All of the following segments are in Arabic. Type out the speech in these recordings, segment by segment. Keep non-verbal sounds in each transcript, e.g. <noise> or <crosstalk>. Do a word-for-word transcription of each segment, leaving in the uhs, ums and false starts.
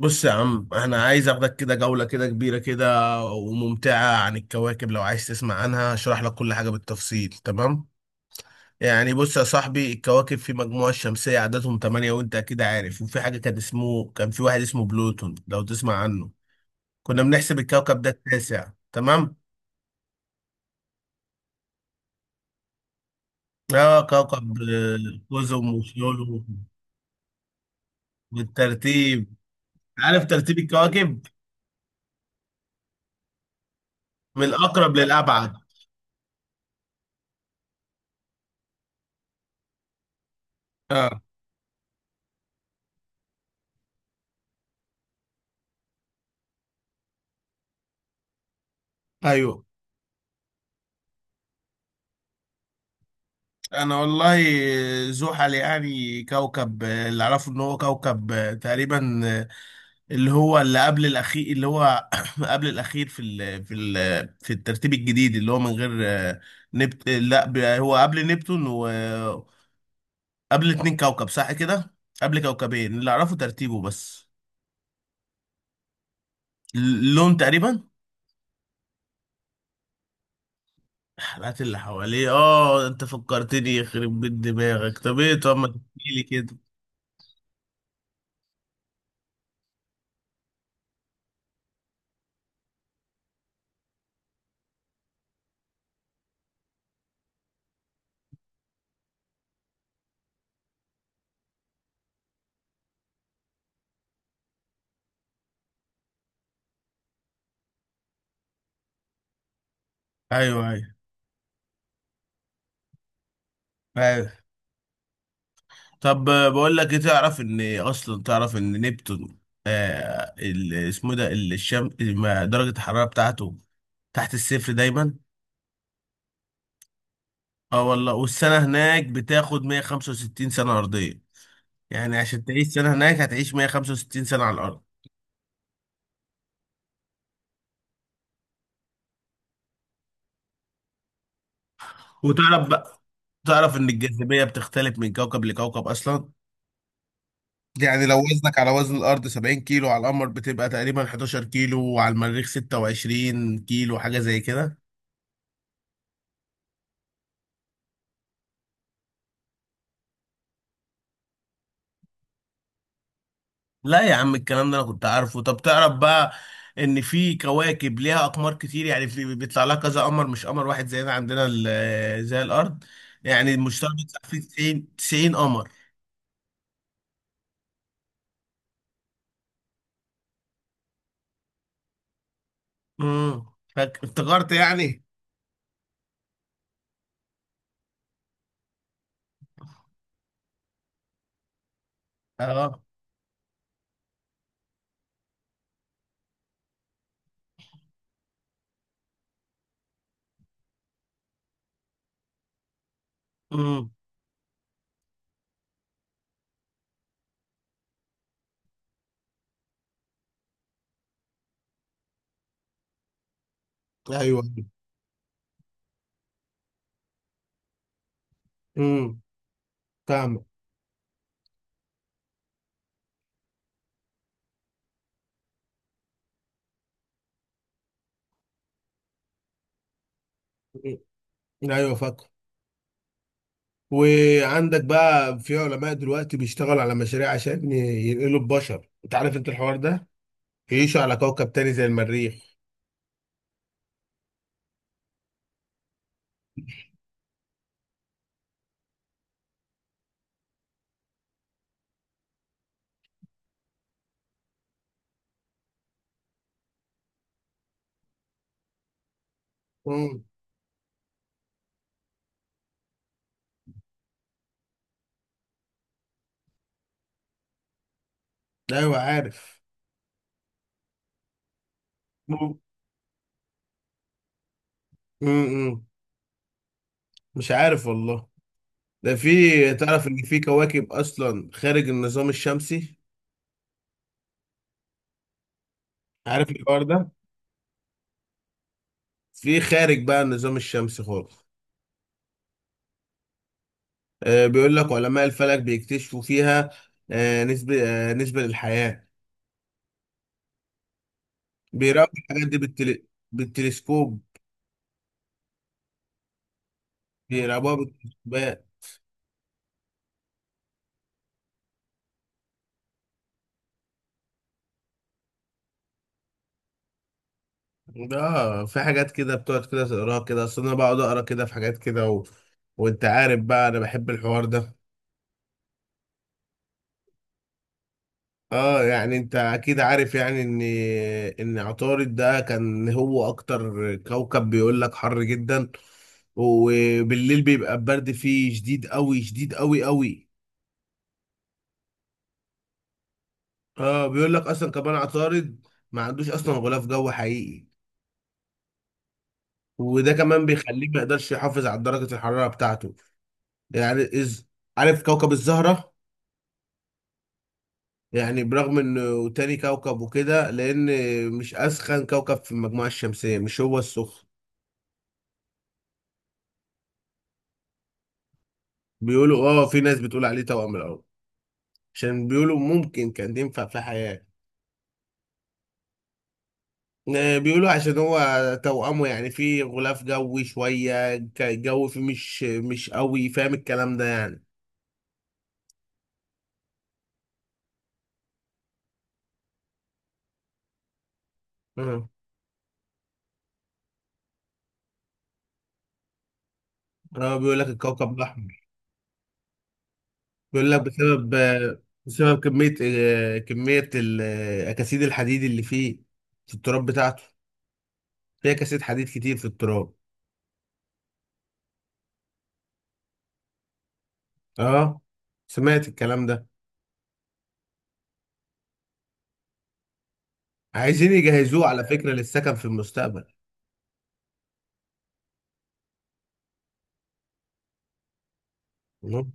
بص يا عم انا عايز اخدك كده جولة كده كبيرة كده وممتعة عن الكواكب، لو عايز تسمع عنها اشرح لك كل حاجة بالتفصيل. تمام، يعني بص يا صاحبي، الكواكب في مجموعة الشمسية عددهم تمانية، وانت اكيد عارف. وفي حاجة كان اسمه، كان في واحد اسمه بلوتون، لو تسمع عنه. كنا بنحسب الكوكب ده التاسع. تمام. اه كوكب آه، قزم وشيولو. بالترتيب. عارف ترتيب الكواكب؟ من الاقرب للابعد. اه. ايوه. انا والله، زحل يعني كوكب، اللي اعرفه ان هو كوكب، تقريبا، اللي هو اللي قبل الاخير، اللي هو <coughs> <clears throat> قبل الاخير في ال في ال في الترتيب الجديد، اللي هو من غير نبت لا ب- هو قبل نبتون، وقبل اتنين كوكب، صح كده، قبل كوكبين اللي اعرفه ترتيبه بس. اللون تقريبا. الحلقات اللي حواليه، اه انت فكرتني، يخرب بيت دماغك، طب ايه، طب ما تحكيلي كده. ايوه، ايوه، ايوه. طب آه، بقول لك ايه، تعرف ان اصلا تعرف ان نبتون، آه ال- اسمه ده ال- الشم ما- درجة الحرارة بتاعته تحت الصفر دايما. اه والله، والسنة هناك بتاخد مية وخمسة وستين سنة أرضية. يعني عشان تعيش سنة هناك هتعيش مية وخمسة وستين سنة على الأرض. وتعرف بقى، تعرف إن الجاذبية بتختلف من كوكب لكوكب أصلا. يعني لو وزنك على وزن الأرض سبعين كيلو، على القمر بتبقى تقريبا حداشر كيلو، وعلى المريخ ستة وعشرين كيلو، حاجة زي كده. لا يا عم الكلام ده انا كنت عارفه. طب تعرف بقى، ان في كواكب ليها اقمار كتير. يعني في بيطلع لها كذا قمر مش قمر واحد زينا، عندنا ال- آه، زي الارض. يعني المشتري بيطلع فيه 90 90 قمر. امم فاك- افتكرت يعني. اه. امم ايوه. امم فاهمك. مم. ايوه فاكر. وعندك بقى في علماء دلوقتي بيشتغلوا على مشاريع عشان ينقلوا البشر، انت عارف انت الحوار ده، يعيشوا على كوكب تاني زي المريخ. امم ايوه عارف. امم مش عارف والله. ده في، تعرف ان في كواكب اصلا خارج النظام الشمسي، عارف الحوار ده، في خارج بقى النظام الشمسي خالص. آه بيقول لك علماء الفلك بيكتشفوا فيها، آه نسبة، آه نسبة للحياة. بيراقبوا الحاجات دي بالتل... بالتلسكوب، بيراقبوها بالتلسكوبات. ده في حاجات كده بتقعد كده تقراها كده، اصل انا بقعد اقرا كده في حاجات كده و... وانت عارف بقى انا بحب الحوار ده. اه يعني انت اكيد عارف يعني ان، ان عطارد ده كان هو اكتر كوكب، بيقول لك حر جدا، وبالليل بيبقى البرد فيه شديد قوي شديد قوي قوي. اه بيقول لك اصلا كمان عطارد ما عندوش اصلا غلاف جو حقيقي، وده كمان بيخليه ما يقدرش يحافظ على درجة الحرارة بتاعته. يعني إز... عارف كوكب الزهرة؟ يعني برغم انه تاني كوكب وكده، لان مش اسخن كوكب في المجموعة الشمسية، مش هو السخن. بيقولوا اه، في ناس بتقول عليه توأم القمر، عشان بيقولوا ممكن كان ينفع في حياة. آه، بيقولوا عشان هو توأمه، يعني في غلاف جوي شوية ك- الجو فيه مش مش قوي، فاهم الكلام ده يعني. اه. آه، بيقول لك الكوكب الأحمر. بيقول لك بسبب آه، بسبب كمية، آه، كمية ال- آه، أكاسيد الحديد اللي فيه، في التراب بتاعته، فيه أكاسيد حديد كتير في التراب. اه، سمعت الكلام ده. عايزين يجهزوه على فكرة للسكن في المستقبل. مم.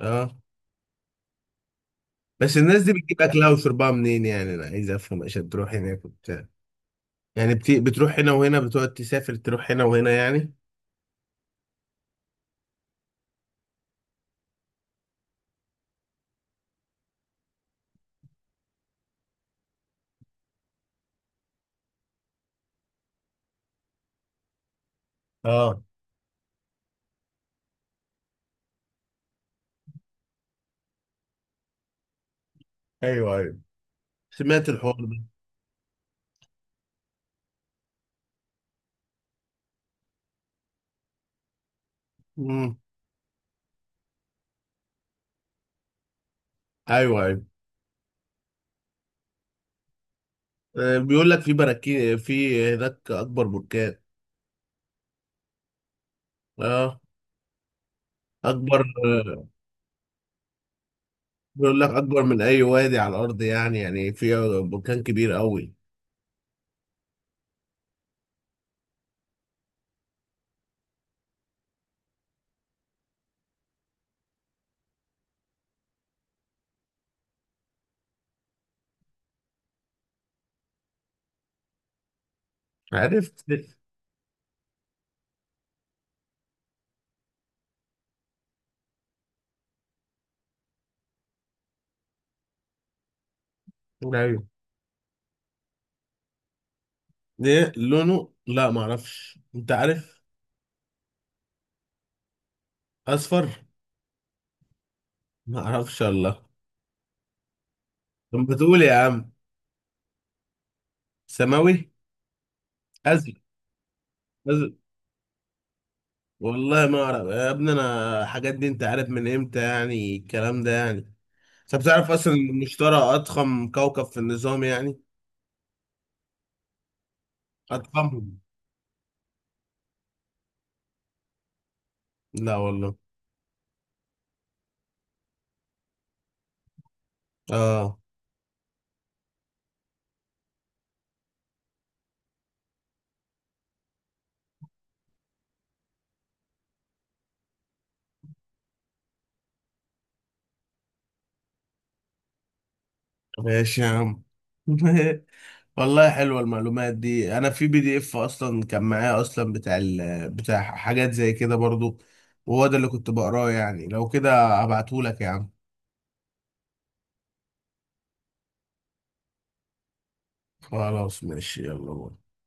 اه. بس الناس دي بتجيب اكلها وشربها منين؟ يعني انا عايز افهم، عشان تروح هناك وبتاع، يعني بت... بتروح هنا وهنا، بتقعد تسافر تروح هنا وهنا يعني. اه. ايوه ايوه سمعت الحوار ده. امم ايوه ايوه. آه، بيقول لك في براكين في هناك اكبر بركان. اه اكبر، آه، بيقول لك اكبر من اي وادي على الارض، يعني يعني في بركان كبير قوي. عرفت. ايوه. ده لونه، لا ما اعرفش، انت عارف. اصفر. ما اعرفش الله. طب بتقول يا عم. ثانوي. ازل. ازل. والله ما اعرف يا ابني، انا الحاجات دي انت عارف من امتى يعني الكلام ده يعني. طب تعرف اصلا ان المشتري اضخم كوكب في النظام يعني، اضخمهم. لا والله. اه ماشي يا عم. <laughs> والله حلوه المعلومات دي، انا في بي دي اف اصلا كان معايا اصلا بتاع ال... بتاع حاجات زي كده برضو، وهو ده اللي كنت بقراه. يعني لو كده ابعتهولك يا عم. خلاص ماشي يلا باي.